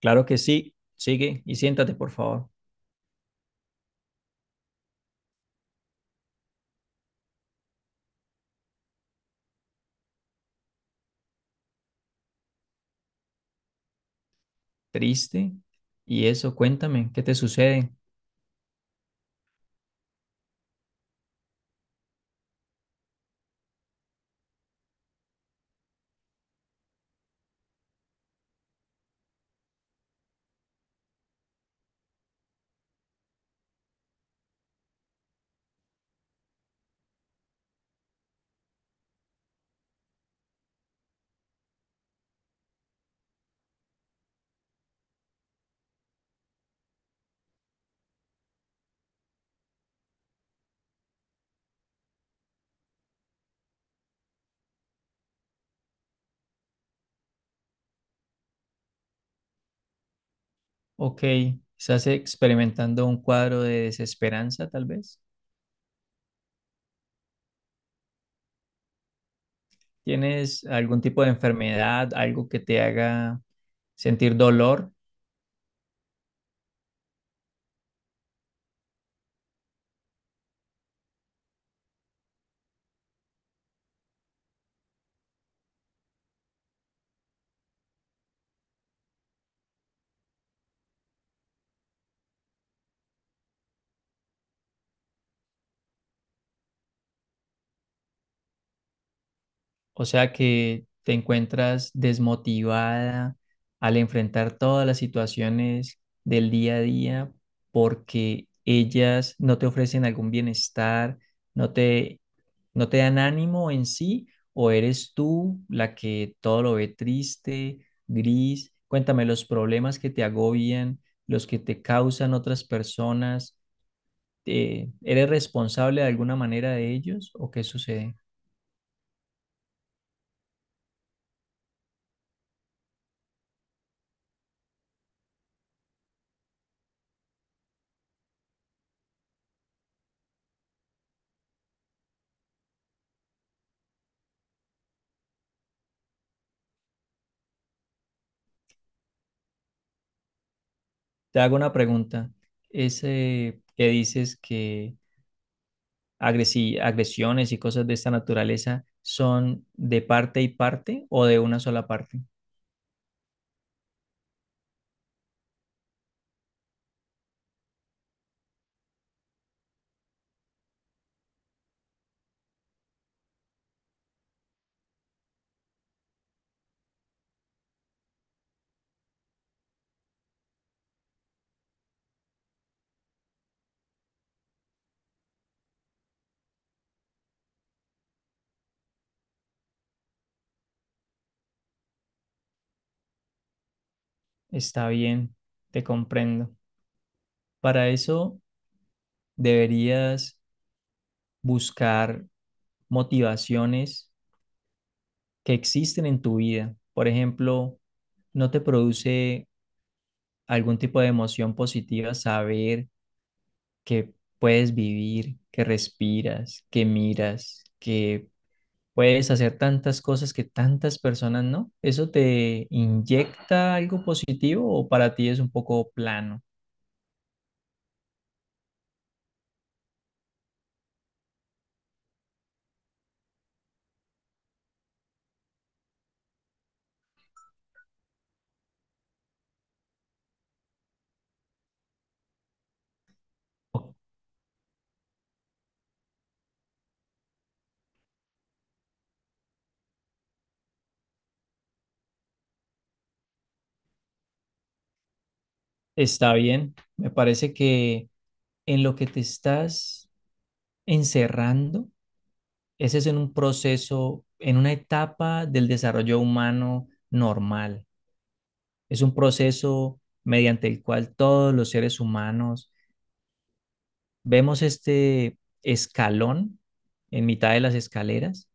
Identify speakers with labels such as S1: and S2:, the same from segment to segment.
S1: Claro que sí. Sigue y siéntate, por favor. ¿Triste? ¿Y eso? Cuéntame, ¿qué te sucede? Ok, ¿estás experimentando un cuadro de desesperanza, tal vez? ¿Tienes algún tipo de enfermedad, algo que te haga sentir dolor? O sea que te encuentras desmotivada al enfrentar todas las situaciones del día a día porque ellas no te ofrecen algún bienestar, no te, no te dan ánimo en sí, o eres tú la que todo lo ve triste, gris. Cuéntame los problemas que te agobian, los que te causan otras personas. ¿Eres responsable de alguna manera de ellos o qué sucede? Te hago una pregunta. Ese que dices que agresiones y cosas de esta naturaleza son de parte y parte o de una sola parte. Está bien, te comprendo. Para eso deberías buscar motivaciones que existen en tu vida. Por ejemplo, ¿no te produce algún tipo de emoción positiva saber que puedes vivir, que respiras, que miras, que puedes hacer tantas cosas que tantas personas no? ¿Eso te inyecta algo positivo o para ti es un poco plano? Está bien. Me parece que en lo que te estás encerrando, ese es en un proceso, en una etapa del desarrollo humano normal. Es un proceso mediante el cual todos los seres humanos vemos este escalón en mitad de las escaleras,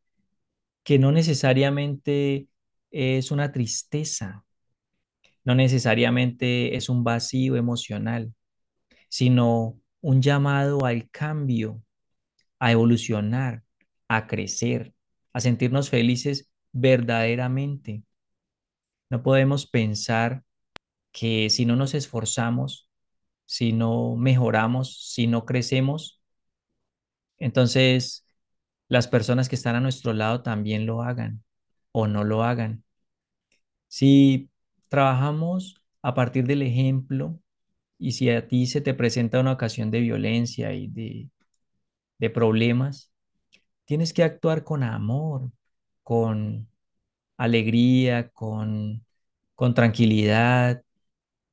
S1: que no necesariamente es una tristeza, no necesariamente es un vacío emocional, sino un llamado al cambio, a evolucionar, a crecer, a sentirnos felices verdaderamente. No podemos pensar que si no nos esforzamos, si no mejoramos, si no crecemos, entonces las personas que están a nuestro lado también lo hagan o no lo hagan. Si trabajamos a partir del ejemplo y si a ti se te presenta una ocasión de violencia y de problemas, tienes que actuar con amor, con alegría, con tranquilidad.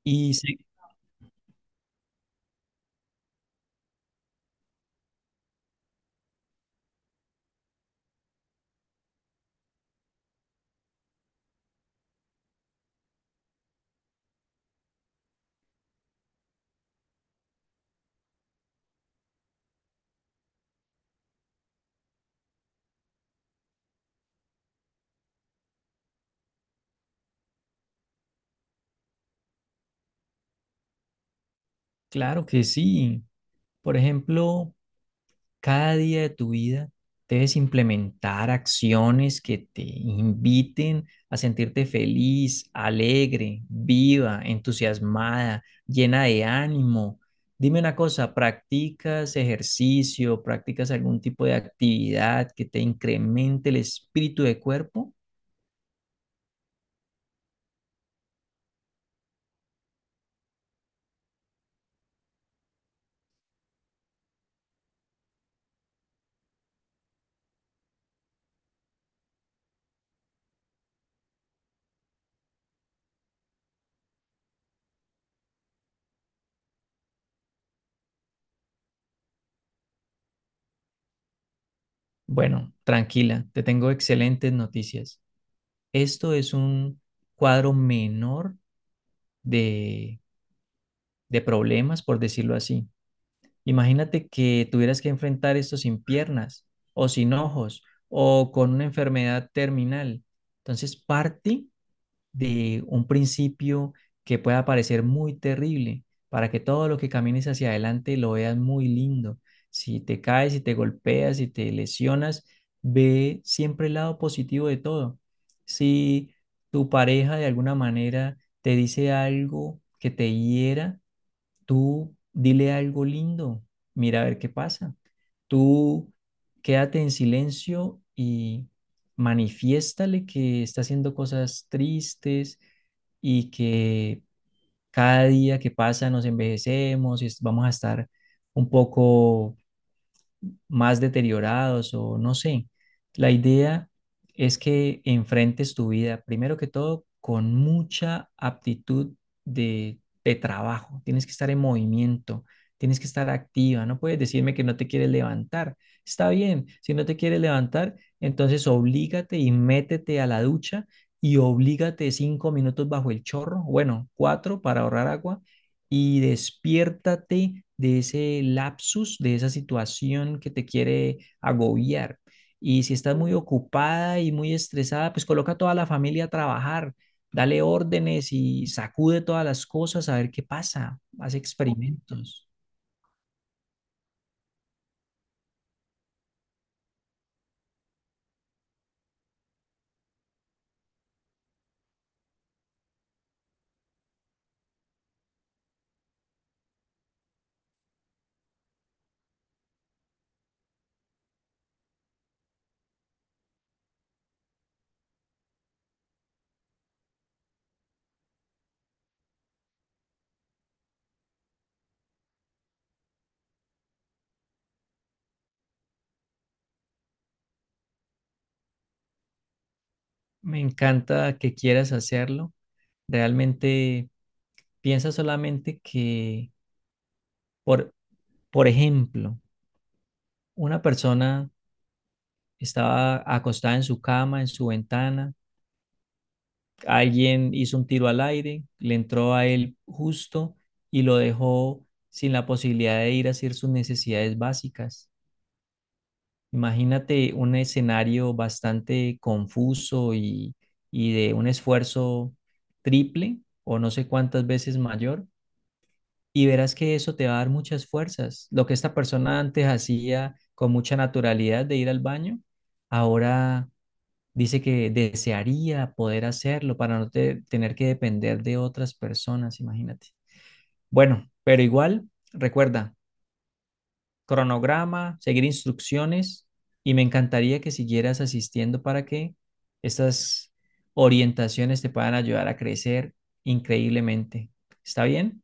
S1: Y sí, claro que sí. Por ejemplo, cada día de tu vida debes implementar acciones que te inviten a sentirte feliz, alegre, viva, entusiasmada, llena de ánimo. Dime una cosa, ¿practicas ejercicio, practicas algún tipo de actividad que te incremente el espíritu de cuerpo? Bueno, tranquila, te tengo excelentes noticias. Esto es un cuadro menor de, de problemas, por decirlo así. Imagínate que tuvieras que enfrentar esto sin piernas o sin ojos o con una enfermedad terminal. Entonces, parte de un principio que pueda parecer muy terrible para que todo lo que camines hacia adelante lo veas muy lindo. Si te caes, si te golpeas, si te lesionas, ve siempre el lado positivo de todo. Si tu pareja de alguna manera te dice algo que te hiera, tú dile algo lindo, mira a ver qué pasa. Tú quédate en silencio y manifiéstale que está haciendo cosas tristes y que cada día que pasa nos envejecemos y vamos a estar un poco más deteriorados o no sé. La idea es que enfrentes tu vida, primero que todo, con mucha aptitud de trabajo. Tienes que estar en movimiento, tienes que estar activa, no puedes decirme que no te quieres levantar. Está bien, si no te quieres levantar, entonces oblígate y métete a la ducha y oblígate 5 minutos bajo el chorro, bueno, cuatro para ahorrar agua, y despiértate de ese lapsus, de esa situación que te quiere agobiar. Y si estás muy ocupada y muy estresada, pues coloca a toda la familia a trabajar, dale órdenes y sacude todas las cosas a ver qué pasa, haz experimentos. Me encanta que quieras hacerlo. Realmente piensa solamente que, por, por ejemplo, una persona estaba acostada en su cama, en su ventana, alguien hizo un tiro al aire, le entró a él justo y lo dejó sin la posibilidad de ir a hacer sus necesidades básicas. Imagínate un escenario bastante confuso y de un esfuerzo triple o no sé cuántas veces mayor, y verás que eso te va a dar muchas fuerzas. Lo que esta persona antes hacía con mucha naturalidad de ir al baño, ahora dice que desearía poder hacerlo para no te- tener que depender de otras personas, imagínate. Bueno, pero igual, recuerda, cronograma, seguir instrucciones, y me encantaría que siguieras asistiendo para que estas orientaciones te puedan ayudar a crecer increíblemente. ¿Está bien?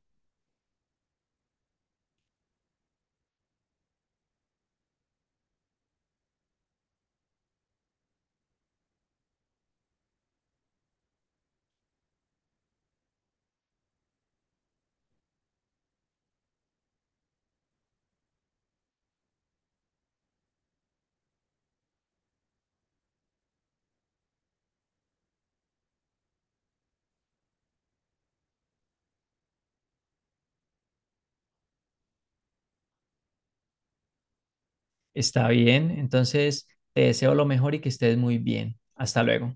S1: Está bien. Entonces, te deseo lo mejor y que estés muy bien. Hasta luego.